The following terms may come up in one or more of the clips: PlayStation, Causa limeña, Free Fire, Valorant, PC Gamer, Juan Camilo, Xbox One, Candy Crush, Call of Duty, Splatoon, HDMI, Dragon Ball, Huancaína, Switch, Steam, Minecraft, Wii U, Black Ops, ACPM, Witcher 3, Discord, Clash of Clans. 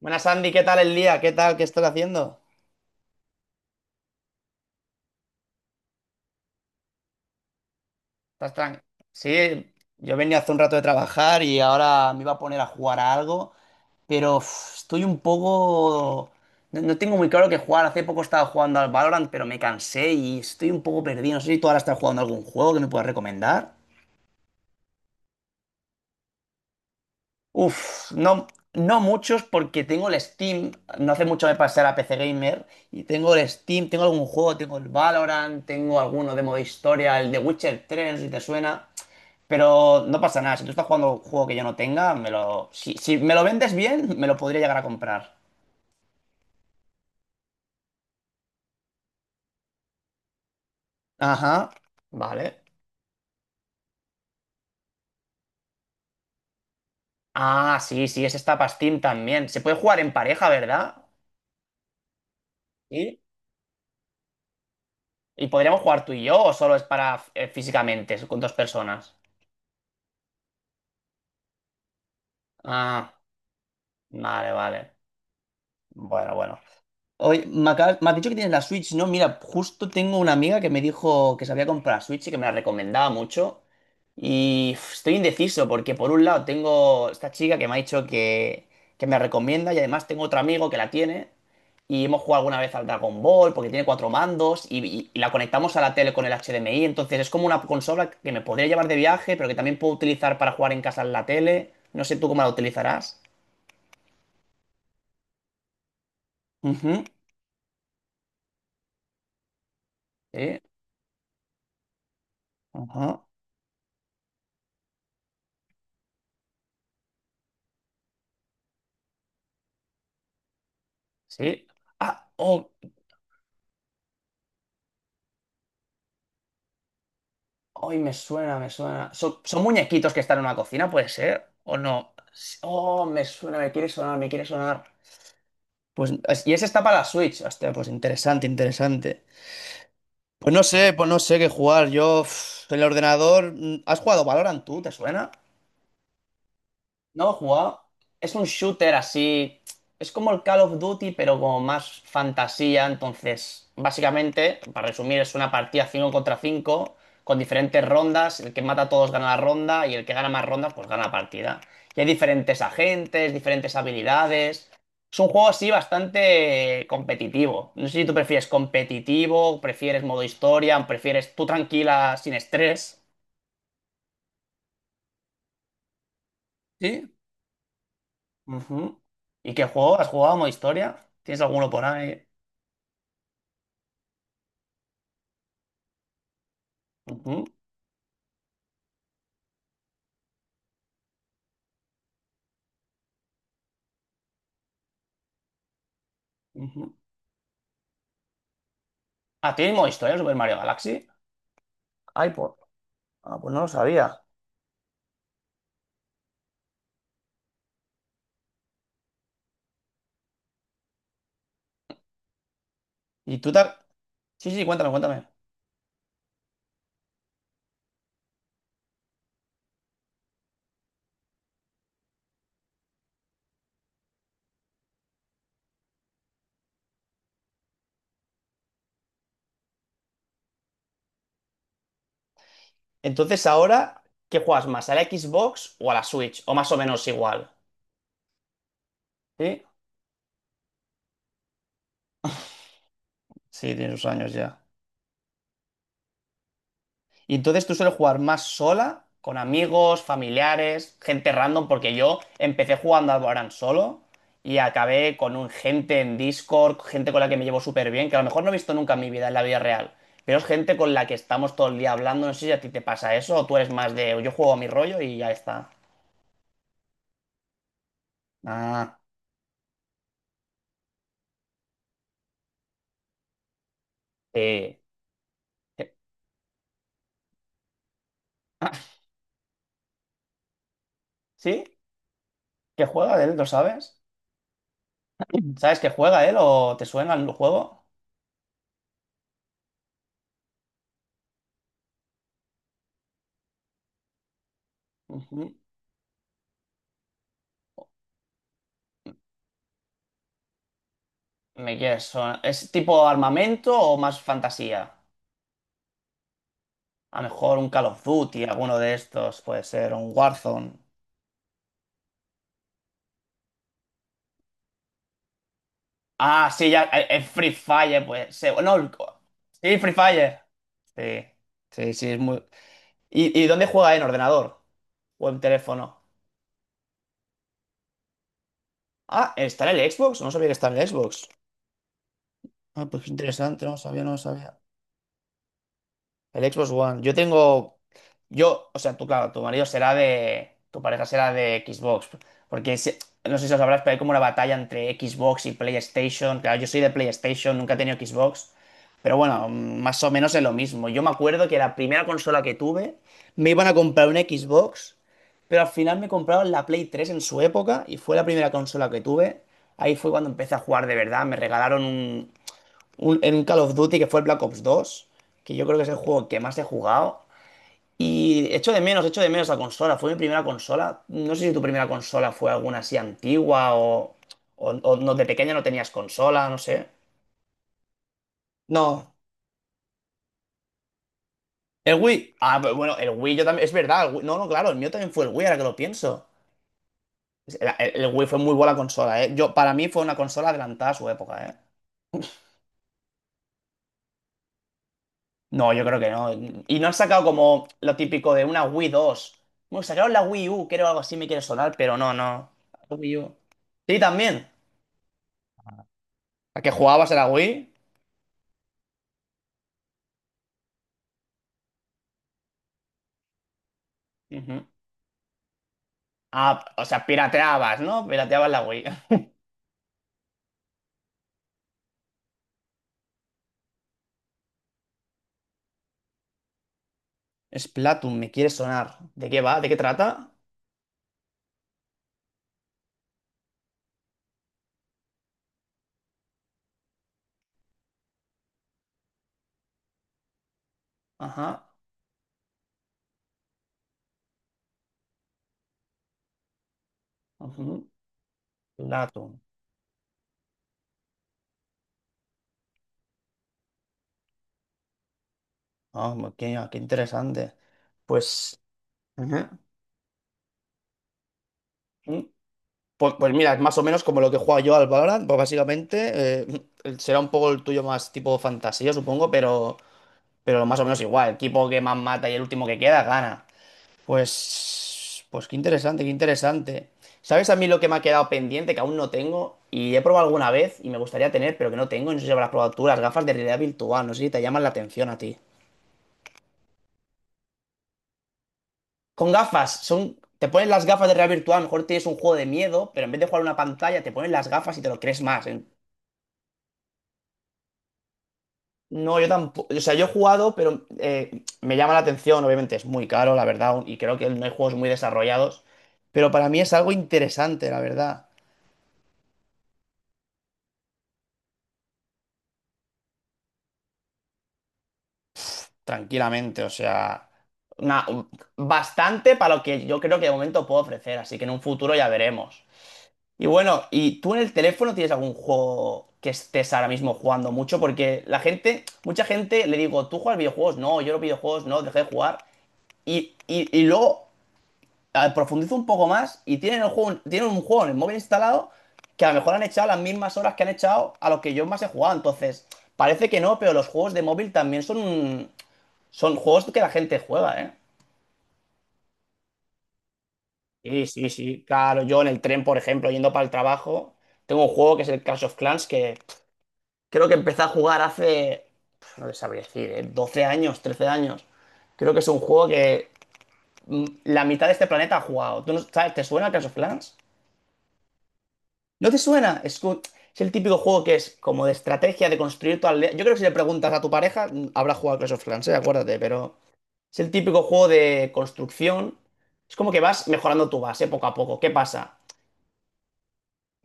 Buenas, Andy, ¿qué tal el día? ¿Qué tal? ¿Qué estás haciendo? ¿Estás tranquilo? Sí, yo venía hace un rato de trabajar y ahora me iba a poner a jugar a algo, pero uf, estoy un poco... No, no tengo muy claro qué jugar. Hace poco estaba jugando al Valorant, pero me cansé y estoy un poco perdido. No sé si tú ahora estás jugando a algún juego que me puedas recomendar. Uf, no, no muchos porque tengo el Steam. No hace mucho me pasé a la PC Gamer y tengo el Steam, tengo algún juego, tengo el Valorant, tengo alguno de modo historia, el de Witcher 3, no si te suena. Pero no pasa nada. Si tú estás jugando un juego que yo no tenga, me lo. Si, si me lo vendes bien, me lo podría llegar a comprar. Ajá. Vale. Ah, sí, sí, ese está para Steam también. Se puede jugar en pareja, ¿verdad? Sí. ¿Y podríamos jugar tú y yo o solo es para físicamente, con dos personas? Ah, vale, vale. Bueno, bueno. Oye, me has dicho que tienes la Switch, ¿no? Mira, justo tengo una amiga que me dijo que se había comprado la Switch y que me la recomendaba mucho. Y uf, estoy indeciso porque por un lado tengo esta chica que me ha dicho que me recomienda y además tengo otro amigo que la tiene. Y hemos jugado alguna vez al Dragon Ball porque tiene cuatro mandos y la conectamos a la tele con el HDMI. Entonces es como una consola que me podría llevar de viaje, pero que también puedo utilizar para jugar en casa en la tele. No sé tú cómo la utilizarás. Ujú, sí. Ajá. Sí. Ah, oh, ay, me suena, me suena. ¿Son, son muñequitos que están en una cocina, puede ser? ¿O no? Oh, me suena, me quiere sonar, me quiere sonar. Pues, es- y ese está para la Switch. Hostia, pues interesante, interesante. Pues no sé qué jugar. Yo, uf, el ordenador. ¿Has jugado Valorant tú? ¿Te suena? No, jugaba. Es un shooter así. Es como el Call of Duty, pero como más fantasía. Entonces, básicamente, para resumir, es una partida 5 contra 5 con diferentes rondas. El que mata a todos gana la ronda y el que gana más rondas, pues gana la partida. Y hay diferentes agentes, diferentes habilidades. Es un juego así bastante competitivo. No sé si tú prefieres competitivo, prefieres modo historia, prefieres tú tranquila, sin estrés. Sí, ujú. ¿Y qué juego? ¿Has jugado modo historia? ¿Tienes alguno por ahí? Ujú, ujú. Ah, ¿tienes modo historia el Super Mario Galaxy? Ay, pues, ah, pues no lo sabía. ¿Y tú te... Sí, sí, cuéntame, cuéntame. Entonces, ahora, ¿qué juegas más? ¿A la Xbox o a la Switch? O más o menos igual. ¿Sí? Sí, tiene sus años ya. Y entonces tú sueles jugar más sola, con amigos, familiares, gente random, porque yo empecé jugando al Valorant solo y acabé con un gente en Discord, gente con la que me llevo súper bien, que a lo mejor no he visto nunca en mi vida, en la vida real, pero es gente con la que estamos todo el día hablando. No sé si a ti te pasa eso o tú eres más de yo juego a mi rollo y ya está. Ah, sí. ¿Sí? ¿Qué juega él? ¿Lo sabes? ¿Sabes que juega él o te suena el juego? Ujú. Me quieres sonar. ¿Es tipo armamento o más fantasía? A lo mejor un Call of Duty, alguno de estos, puede ser, un Warzone. Ah, sí, ya, el Free Fire, pues. No, sí, Free Fire. Sí, sí, sí, es muy. ¿Y dónde juega? ¿En ordenador? ¿O en teléfono? Ah, está en el Xbox. No sabía que estaba en el Xbox. Ah, pues qué interesante, no sabía, no sabía. El Xbox One. Yo tengo. Yo, o sea, tú, claro, tu marido será de. Tu pareja será de Xbox. Porque no sé si lo sabrás, pero hay como una batalla entre Xbox y PlayStation. Claro, yo soy de PlayStation, nunca he tenido Xbox. Pero bueno, más o menos es lo mismo. Yo me acuerdo que la primera consola que tuve me iban a comprar una Xbox, pero al final me compraron la Play 3 en su época y fue la primera consola que tuve. Ahí fue cuando empecé a jugar de verdad. Me regalaron en un Call of Duty que fue el Black Ops 2 que yo creo que es el juego que más he jugado. Y echo de menos la consola. Fue mi primera consola. No sé si tu primera consola fue alguna así antigua o no, de pequeña no tenías consola, no sé. No, el Wii. Ah, pero bueno, el Wii yo también. Es verdad, el Wii- no, no, claro, el mío también fue el Wii, ahora que lo pienso. El Wii fue muy buena consola, ¿eh? Yo, para mí fue una consola adelantada a su época, ¿eh? No, yo creo que no. Y no han sacado como lo típico de una Wii 2. Bueno, sacaron la Wii U, creo algo así me quiere sonar, pero no, no. La Wii U. Sí, también. ¿A qué jugabas a la Wii? Ujú. Ah, o sea, pirateabas, ¿no? Pirateabas la Wii. Splatoon, me quiere sonar. ¿De qué va? ¿De qué trata? Ajá. Ujú. Splatoon. Ah, qué, qué interesante. Pues. Ujú. Pues, pues mira, es más o menos como lo que juego yo al Valorant, pues básicamente eh, será un poco el tuyo más tipo fantasía, supongo, pero más o menos igual. El equipo que más mata y el último que queda gana. Pues, pues qué interesante, qué interesante. ¿Sabes a mí lo que me ha quedado pendiente, que aún no tengo? Y he probado alguna vez y me gustaría tener, pero que no tengo, y no sé si habrás probado tú, las gafas de realidad virtual, no sé si te llaman la atención a ti. Con gafas, son... Te pones las gafas de realidad virtual, a lo mejor tienes un juego de miedo, pero en vez de jugar a una pantalla, te pones las gafas y te lo crees más. ¿Eh? No, yo tampoco. O sea, yo he jugado, pero me llama la atención. Obviamente es muy caro, la verdad, y creo que no hay juegos muy desarrollados. Pero para mí es algo interesante, la verdad. Tranquilamente, o sea, una- bastante para lo que yo creo que de momento puedo ofrecer. Así que en un futuro ya veremos. Y bueno, ¿y tú en el teléfono tienes algún juego que estés ahora mismo jugando mucho? Porque la gente, mucha gente le digo, ¿tú juegas videojuegos? No, yo los videojuegos no, dejé de jugar. Y luego profundizo un poco más y tienen, el juego, tienen un juego en el móvil instalado que a lo mejor han echado las mismas horas que han echado a los que yo más he jugado. Entonces, parece que no, pero los juegos de móvil también son, son juegos que la gente juega, ¿eh? Sí, sí, sí. Claro, yo en el tren, por ejemplo, yendo para el trabajo, tengo un juego que es el Clash of Clans que pff, creo que empecé a jugar hace, pff, no te sabría decir, ¿eh? 12 años, 13 años. Creo que es un juego que la mitad de este planeta ha jugado. ¿Tú no, sabes, te suena el Clash of Clans? ¿No te suena? Es, es el típico juego que es como de estrategia, de construir tu aldea. Yo creo que si le preguntas a tu pareja, habrá jugado a Clash of Clans, ¿eh? Acuérdate, pero es el típico juego de construcción. Es como que vas mejorando tu base poco a poco. ¿Qué pasa?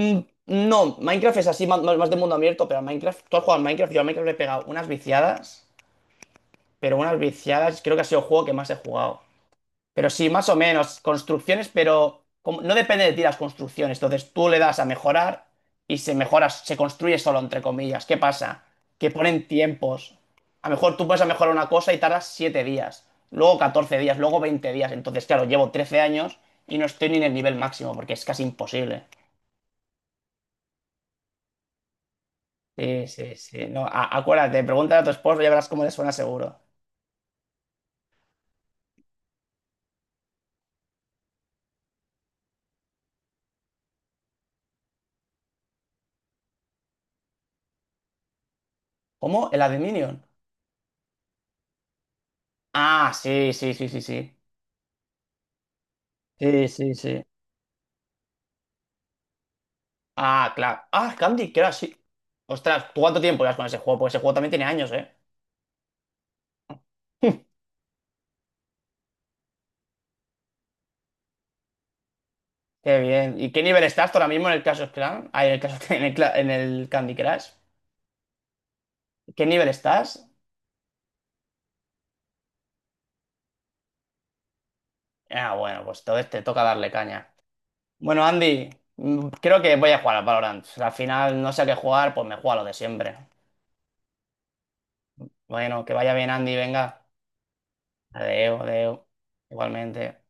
Mm, no, Minecraft es así, más de mundo abierto, pero a Minecraft, tú has jugado al Minecraft, yo a Minecraft le he pegado unas viciadas, pero unas viciadas, creo que ha sido el juego que más he jugado. Pero sí, más o menos, construcciones, pero no depende de ti las construcciones. Entonces tú le das a mejorar y se mejora, se construye solo, entre comillas. ¿Qué pasa? Que ponen tiempos. A lo mejor tú puedes mejorar una cosa y tardas 7 días, luego 14 días, luego 20 días. Entonces, claro, llevo 13 años y no estoy ni en el nivel máximo porque es casi imposible. Sí, sí, sí. No, acuérdate, pregúntale a tu esposo y ya verás cómo le suena seguro. ¿Cómo? ¿El Adminion? Ah, sí, sí, sí, sí, sí. Sí, sí, sí. Ah, claro. Ah, Candy Crush, sí. Ostras, ¿tú cuánto tiempo llevas con ese juego? Porque ese juego también tiene años, ¿eh? Qué bien. ¿Y qué nivel estás tú ahora mismo en el Clash of Clans? Ah, en el, Clash- en el Cla- en el Candy Crush. ¿Qué nivel estás? Ah, bueno, pues entonces te toca darle caña. Bueno, Andy, creo que voy a jugar al Valorant. Al final no sé a qué jugar, pues me juego a lo de siempre. Bueno, que vaya bien, Andy, venga. Adeo, adeo. Igualmente.